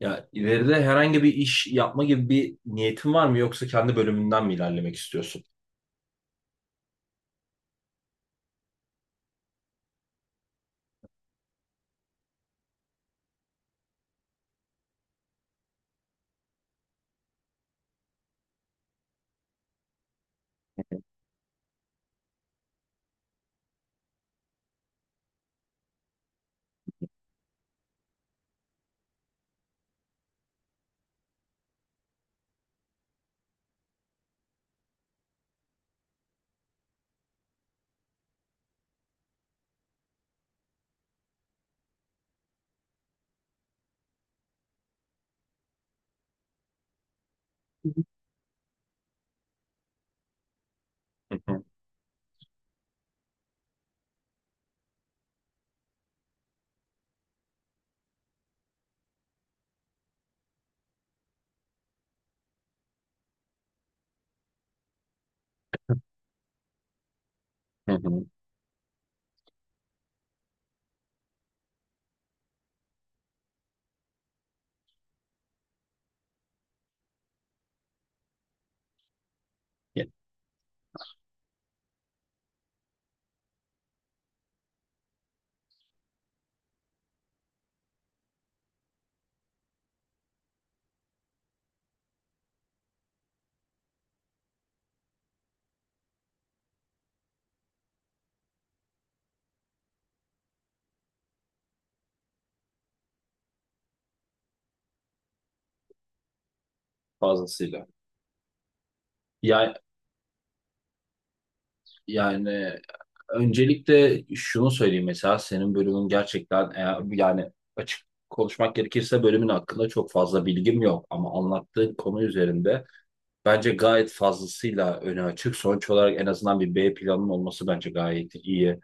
Ya ileride herhangi bir iş yapma gibi bir niyetin var mı yoksa kendi bölümünden mi ilerlemek istiyorsun? Hı hı, hı hı. Ya, fazlasıyla. Ya, yani öncelikle şunu söyleyeyim. Mesela senin bölümün gerçekten eğer, yani açık konuşmak gerekirse bölümün hakkında çok fazla bilgim yok ama anlattığın konu üzerinde bence gayet fazlasıyla öne açık. Sonuç olarak en azından bir B planın olması bence gayet iyi.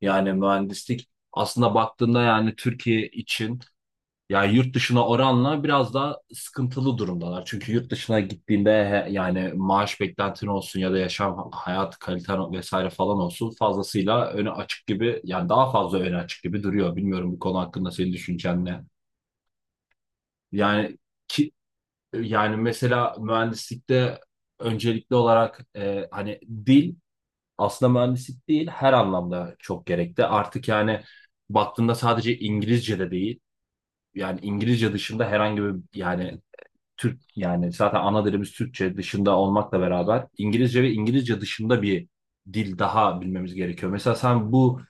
Yani mühendislik aslında baktığında yani Türkiye için, yani yurt dışına oranla biraz daha sıkıntılı durumdalar. Çünkü yurt dışına gittiğinde yani maaş beklentin olsun ya da yaşam hayat kaliten vesaire falan olsun fazlasıyla öne açık gibi, yani daha fazla öne açık gibi duruyor. Bilmiyorum, bu konu hakkında senin düşüncen ne? Yani ki yani mesela mühendislikte öncelikli olarak hani dil, aslında mühendislik değil her anlamda çok gerekli. Artık yani baktığında sadece İngilizce de değil, yani İngilizce dışında herhangi bir yani Türk yani zaten ana dilimiz Türkçe dışında olmakla beraber İngilizce ve İngilizce dışında bir dil daha bilmemiz gerekiyor. Mesela sen bu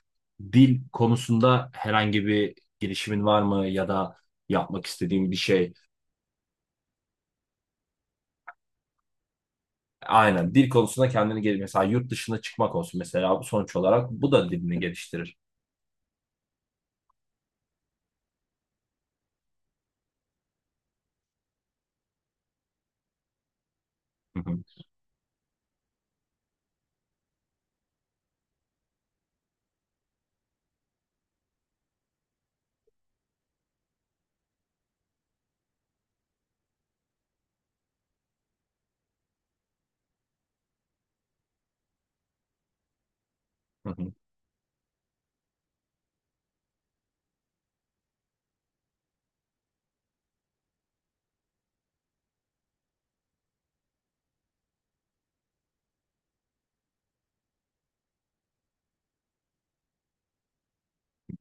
dil konusunda herhangi bir girişimin var mı ya da yapmak istediğin bir şey? Aynen dil konusunda kendini gel, mesela yurt dışına çıkmak olsun, mesela sonuç olarak bu da dilini geliştirir. Hı hı, hı hı,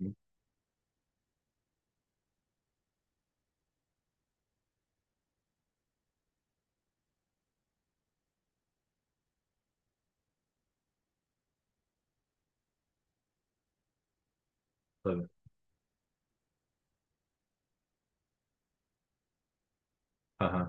hı hı. Tabii. Aha.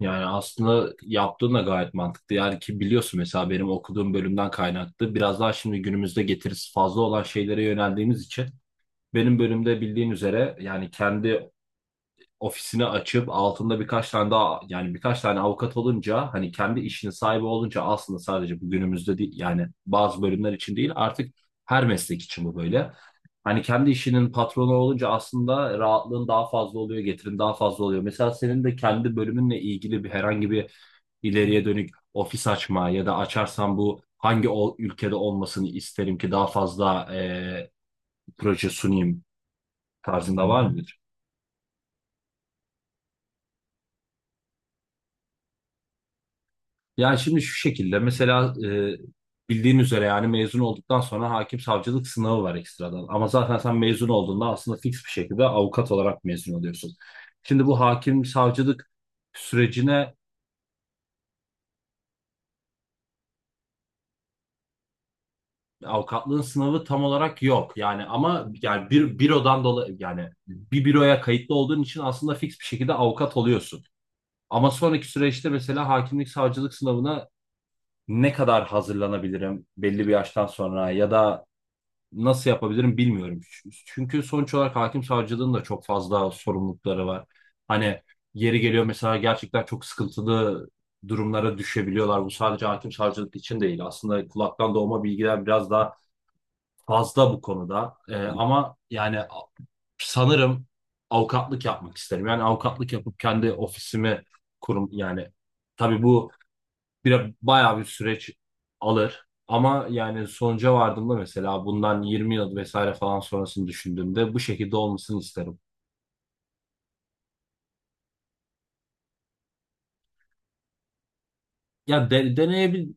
Yani aslında yaptığın da gayet mantıklı. Yani ki biliyorsun, mesela benim okuduğum bölümden kaynaklı biraz daha şimdi günümüzde getirisi fazla olan şeylere yöneldiğimiz için benim bölümde bildiğin üzere yani kendi ofisini açıp altında birkaç tane daha, yani birkaç tane avukat olunca, hani kendi işinin sahibi olunca aslında sadece bu günümüzde değil, yani bazı bölümler için değil, artık her meslek için bu böyle. Hani kendi işinin patronu olunca aslında rahatlığın daha fazla oluyor, getirin daha fazla oluyor. Mesela senin de kendi bölümünle ilgili bir herhangi bir ileriye dönük ofis açma ya da açarsam bu hangi ülkede olmasını isterim ki daha fazla proje sunayım tarzında var mıdır? Yani şimdi şu şekilde mesela bildiğin üzere yani mezun olduktan sonra hakim savcılık sınavı var ekstradan. Ama zaten sen mezun olduğunda aslında fix bir şekilde avukat olarak mezun oluyorsun. Şimdi bu hakim savcılık sürecine avukatlığın sınavı tam olarak yok. Yani ama yani bir bürodan dolayı, yani bir büroya kayıtlı olduğun için aslında fix bir şekilde avukat oluyorsun. Ama sonraki süreçte mesela hakimlik savcılık sınavına ne kadar hazırlanabilirim belli bir yaştan sonra ya da nasıl yapabilirim, bilmiyorum. Çünkü sonuç olarak hakim savcılığın da çok fazla sorumlulukları var. Hani yeri geliyor mesela gerçekten çok sıkıntılı durumlara düşebiliyorlar. Bu sadece hakim savcılık için değil. Aslında kulaktan doğma bilgiler biraz daha fazla bu konuda. Ama yani sanırım avukatlık yapmak isterim. Yani avukatlık yapıp kendi ofisimi kurum yani, tabii bu bir bayağı bir süreç alır. Ama yani sonuca vardığımda mesela bundan 20 yıl vesaire falan sonrasını düşündüğümde bu şekilde olmasını isterim. Ya de, deneyebil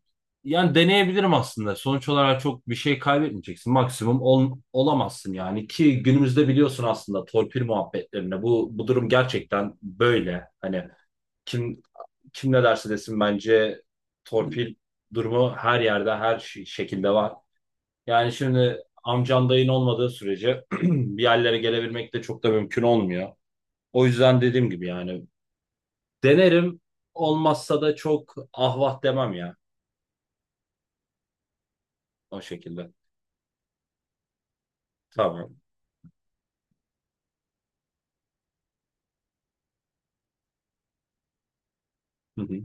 yani deneyebilirim aslında. Sonuç olarak çok bir şey kaybetmeyeceksin. Maksimum olamazsın, yani ki günümüzde biliyorsun aslında torpil muhabbetlerine bu durum gerçekten böyle. Hani kim kim ne derse desin, bence torpil durumu her yerde her şekilde var. Yani şimdi amcan dayın olmadığı sürece bir yerlere gelebilmek de çok da mümkün olmuyor. O yüzden dediğim gibi yani denerim, olmazsa da çok ahvah demem ya, o şekilde. Tamam. Hı hı.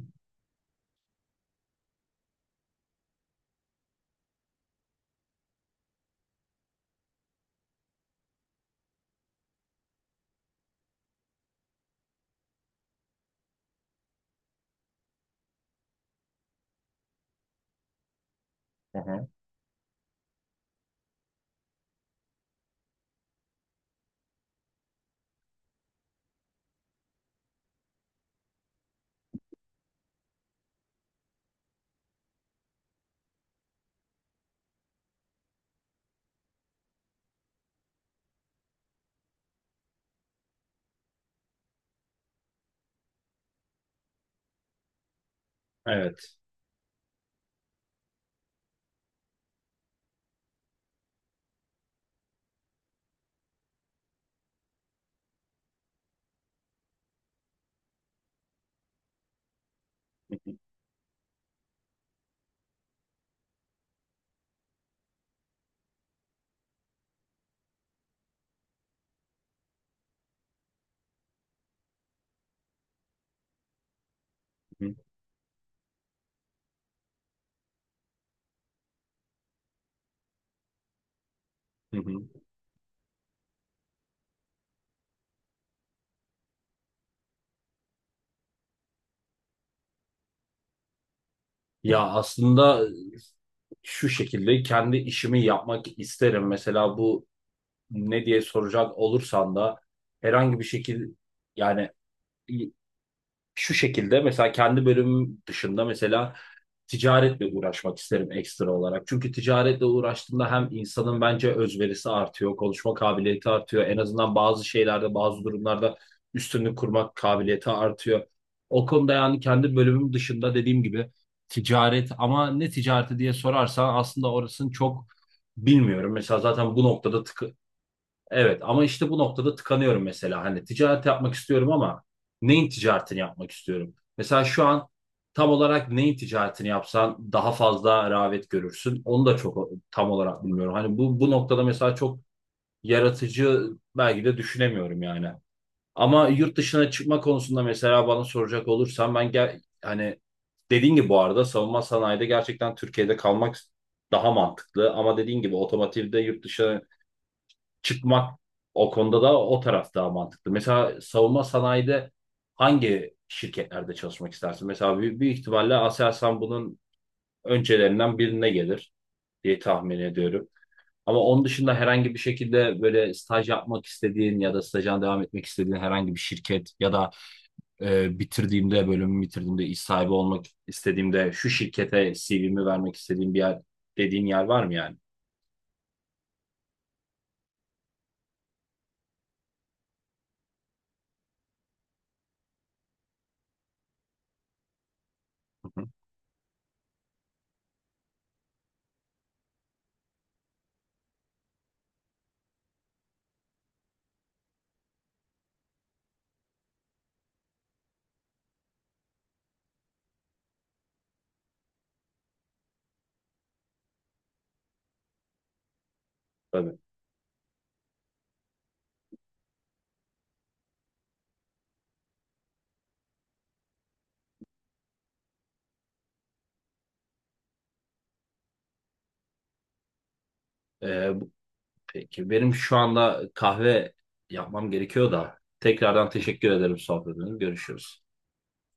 Aha. Evet. Hı hı. Hı hı. Ya aslında şu şekilde kendi işimi yapmak isterim. Mesela bu ne diye soracak olursan da herhangi bir şekilde, yani şu şekilde mesela kendi bölümüm dışında mesela ticaretle uğraşmak isterim ekstra olarak. Çünkü ticaretle uğraştığında hem insanın bence özverisi artıyor, konuşma kabiliyeti artıyor. En azından bazı şeylerde, bazı durumlarda üstünlük kurmak kabiliyeti artıyor. O konuda yani kendi bölümüm dışında dediğim gibi ticaret, ama ne ticareti diye sorarsan aslında orasını çok bilmiyorum. Mesela zaten bu noktada evet, ama işte bu noktada tıkanıyorum mesela. Hani ticaret yapmak istiyorum ama neyin ticaretini yapmak istiyorum? Mesela şu an tam olarak neyin ticaretini yapsan daha fazla rağbet görürsün, onu da çok tam olarak bilmiyorum. Hani bu noktada mesela çok yaratıcı belki de düşünemiyorum yani. Ama yurt dışına çıkma konusunda mesela bana soracak olursan ben gel, hani dediğin gibi bu arada savunma sanayide gerçekten Türkiye'de kalmak daha mantıklı. Ama dediğin gibi otomotivde yurt dışına çıkmak, o konuda da o taraf daha mantıklı. Mesela savunma sanayide hangi şirketlerde çalışmak istersin? Mesela büyük, büyük ihtimalle Aselsan bunun öncelerinden birine gelir diye tahmin ediyorum. Ama onun dışında herhangi bir şekilde böyle staj yapmak istediğin ya da stajına devam etmek istediğin herhangi bir şirket ya da bitirdiğimde, bölümü bitirdiğimde iş sahibi olmak istediğimde şu şirkete CV'mi vermek istediğim bir yer dediğin yer var mı yani? Hı hı. Tabii. E, peki, benim şu anda kahve yapmam gerekiyor da tekrardan teşekkür ederim sohbetiniz. Görüşürüz.